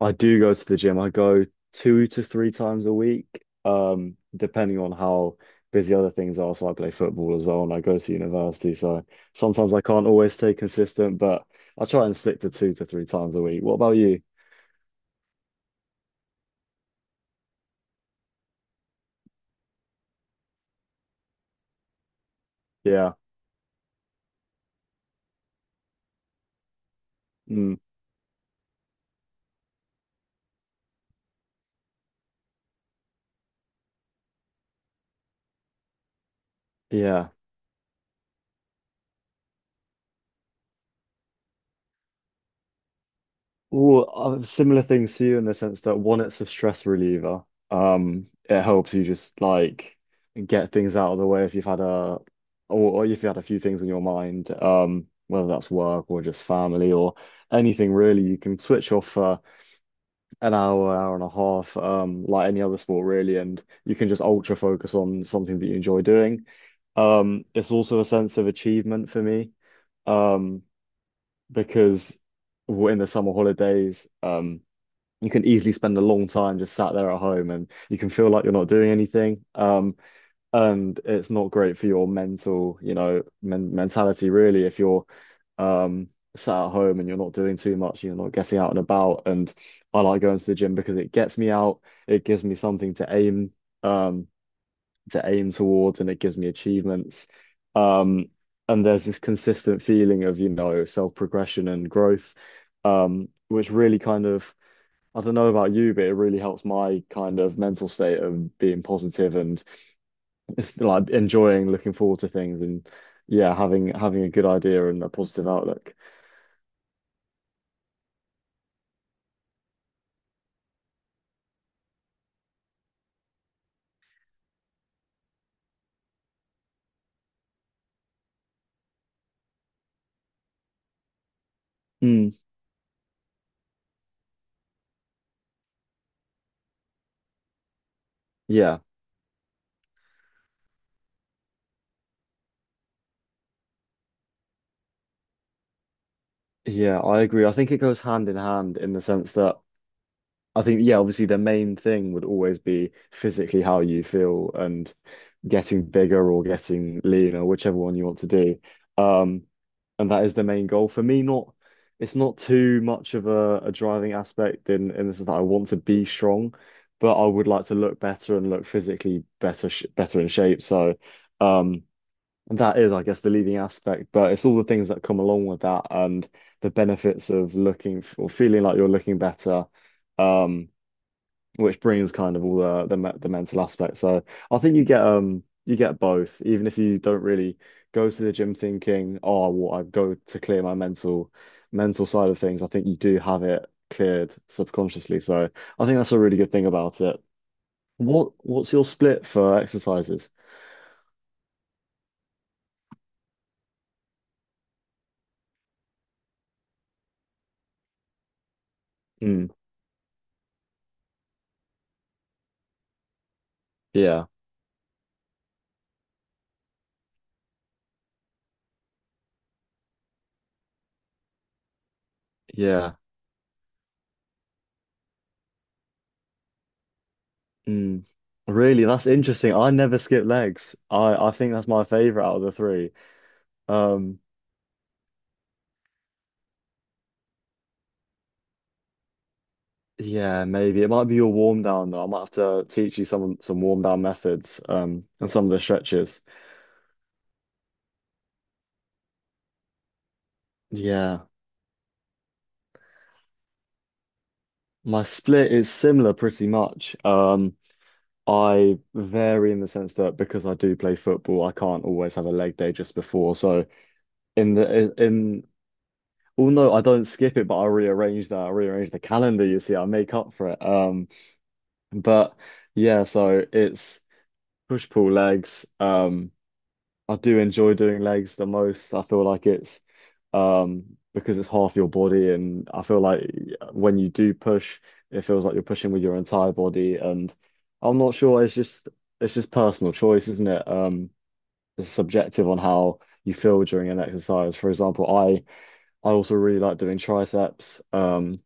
I do go to the gym. I go two to three times a week, depending on how busy other things are. So I play football as well, and I go to university. So sometimes I can't always stay consistent, but I try and stick to two to three times a week. What about you? Yeah. Mm, yeah. Well, similar things to you in the sense that one, it's a stress reliever. It helps you just like get things out of the way if you've had a or if you had a few things on your mind, whether that's work or just family or anything really, you can switch off for an hour, hour and a half, like any other sport really, and you can just ultra focus on something that you enjoy doing. It's also a sense of achievement for me, um, because we in the summer holidays. You can easily spend a long time just sat there at home and you can feel like you're not doing anything, and it's not great for your mental, you know, mentality really if you're um sat at home and you're not doing too much, you're not getting out and about. And I like going to the gym because it gets me out, it gives me something to aim, um to aim towards, and it gives me achievements, um and there's this consistent feeling of, you know, self progression and growth, which really kind of, I don't know about you, but it really helps my kind of mental state of being positive and like enjoying looking forward to things. And yeah, having a good idea and a positive outlook. Mm, yeah, yeah, I agree. I think it goes hand in hand in the sense that I think, yeah, obviously the main thing would always be physically how you feel and getting bigger or getting leaner, whichever one you want to do. Um, and that is the main goal. For me, not it's not too much of a driving aspect in the sense that I want to be strong, but I would like to look better and look physically better in shape. So, um, that is, I guess, the leading aspect, but it's all the things that come along with that and the benefits of looking or feeling like you're looking better. Um, which brings kind of all the, the mental aspect. So I think you get, you get both, even if you don't really go to the gym thinking, oh, well, I go to clear my mental side of things. I think you do have it cleared subconsciously. So I think that's a really good thing about it. What's your split for exercises? Mm, yeah, yeah. Mm. Really, that's interesting. I never skip legs. I think that's my favorite out of the three. Um. Yeah, maybe it might be your warm down though. I might have to teach you some warm down methods, and some of the stretches. Yeah, my split is similar pretty much. I vary in the sense that because I do play football, I can't always have a leg day just before. So in the in well, no, I don't skip it, but I rearrange that. I rearrange the calendar. You see, I make up for it. But yeah, so it's push pull legs. I do enjoy doing legs the most. I feel like it's, um, because it's half your body. And I feel like when you do push, it feels like you're pushing with your entire body. And I'm not sure. It's just personal choice, isn't it? It's subjective on how you feel during an exercise. For example, I also really like doing triceps.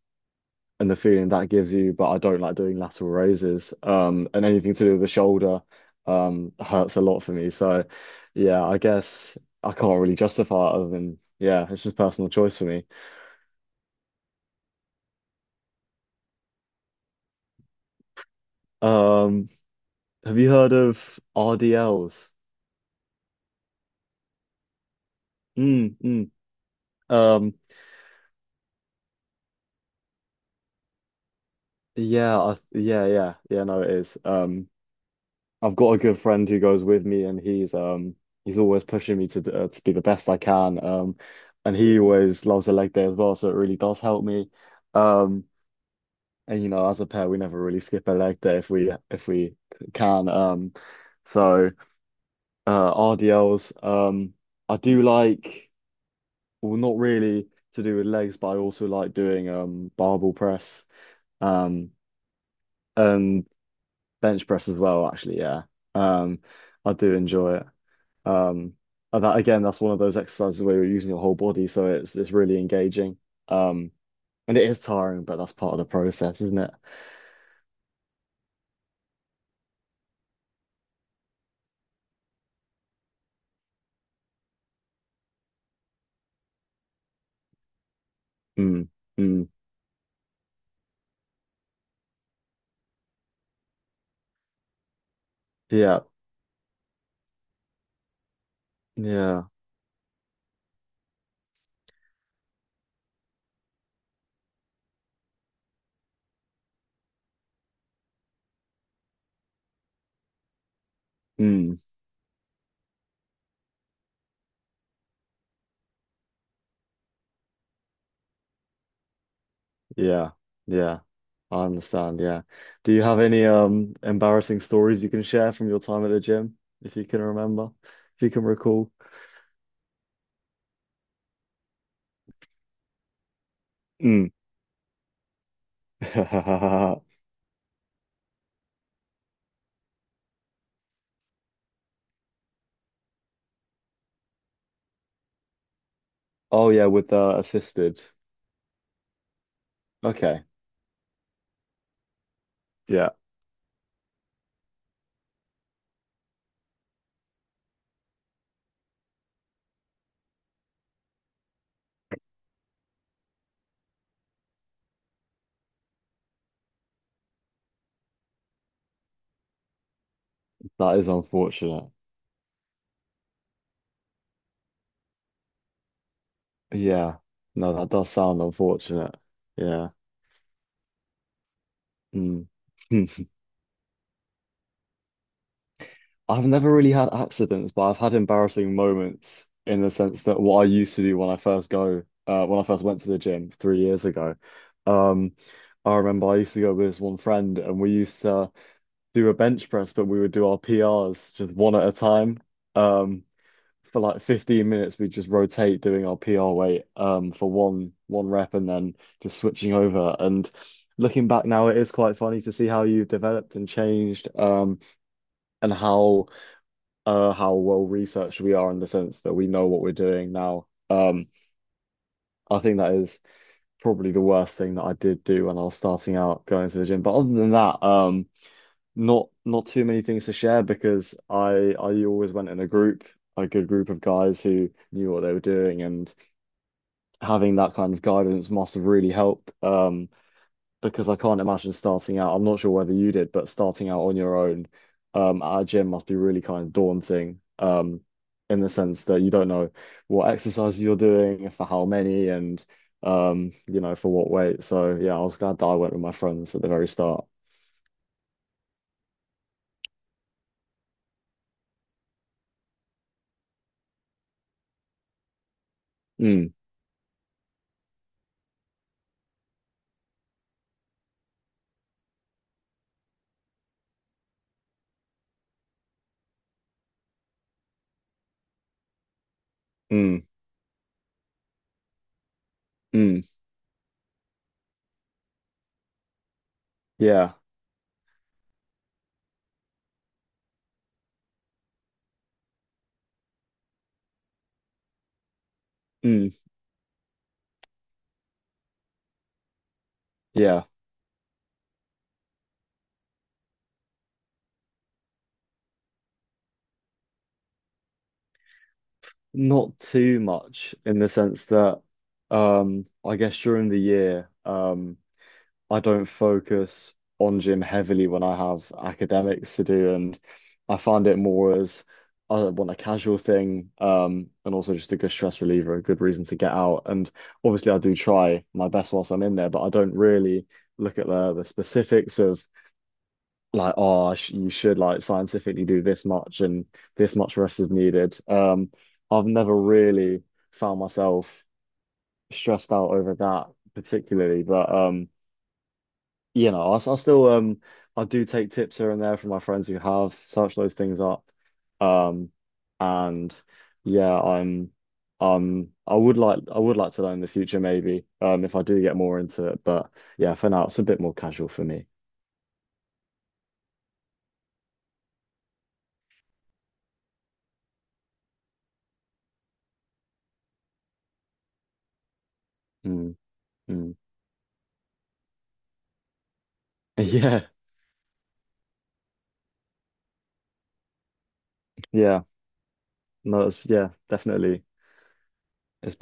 And the feeling that gives you, but I don't like doing lateral raises. And anything to do with the shoulder, hurts a lot for me. So, yeah, I guess I can't really justify it other than, yeah, it's just personal choice for me. Um, have you heard of RDLs? Mm, mm. Um, yeah. No, it is. Um. I've got a good friend who goes with me, and he's, he's always pushing me to to be the best I can. And he always loves a leg day as well, so it really does help me. Um, and you know, as a pair, we never really skip a leg day if we can. So RDLs. I do like, well, not really to do with legs, but I also like doing, barbell press, um and bench press as well, actually, yeah. Um I do enjoy it. Um and that again, that's one of those exercises where you're using your whole body, so it's really engaging. Um and it is tiring, but that's part of the process, isn't it? Mm, mm, yeah, yeah. Mm. Yeah, yeah, I understand. Yeah. Do you have any embarrassing stories you can share from your time at the gym, if you can remember, if you can recall? Mm. Oh yeah, with the assisted. Okay. Yeah, that is unfortunate. Yeah. No, that does sound unfortunate. Yeah. Mm. I've never really had accidents, but I've had embarrassing moments in the sense that what I used to do when I when I first went to the gym 3 years ago, um, I remember I used to go with this one friend and we used to do a bench press, but we would do our PRs just one at a time. Um, for like 15 minutes, we'd just rotate doing our PR weight, for one rep and then just switching over. And looking back now, it is quite funny to see how you have developed and changed, and how well researched we are in the sense that we know what we're doing now. I think that is probably the worst thing that I did do when I was starting out going to the gym. But other than that, not too many things to share because I always went in a group, a good group of guys who knew what they were doing, and having that kind of guidance must have really helped. Because I can't imagine starting out. I'm not sure whether you did, but starting out on your own, at a gym must be really kind of daunting, in the sense that you don't know what exercises you're doing, for how many, and, you know, for what weight. So yeah, I was glad that I went with my friends at the very start. Mm, mm, mm, yeah, mm, yeah. Not too much in the sense that, I guess during the year, I don't focus on gym heavily when I have academics to do, and I find it more as I want a casual thing, and also just a good stress reliever, a good reason to get out. And obviously, I do try my best whilst I'm in there, but I don't really look at the specifics of like, oh, I sh you should like scientifically do this much and this much rest is needed. I've never really found myself stressed out over that particularly, but you know, I still, I do take tips here and there from my friends who have searched those things up. Um and yeah, I'm, I would like to learn in the future maybe, if I do get more into it. But yeah, for now it's a bit more casual for me. Mm, mm. Yeah, yeah. No, it's yeah, definitely. It's.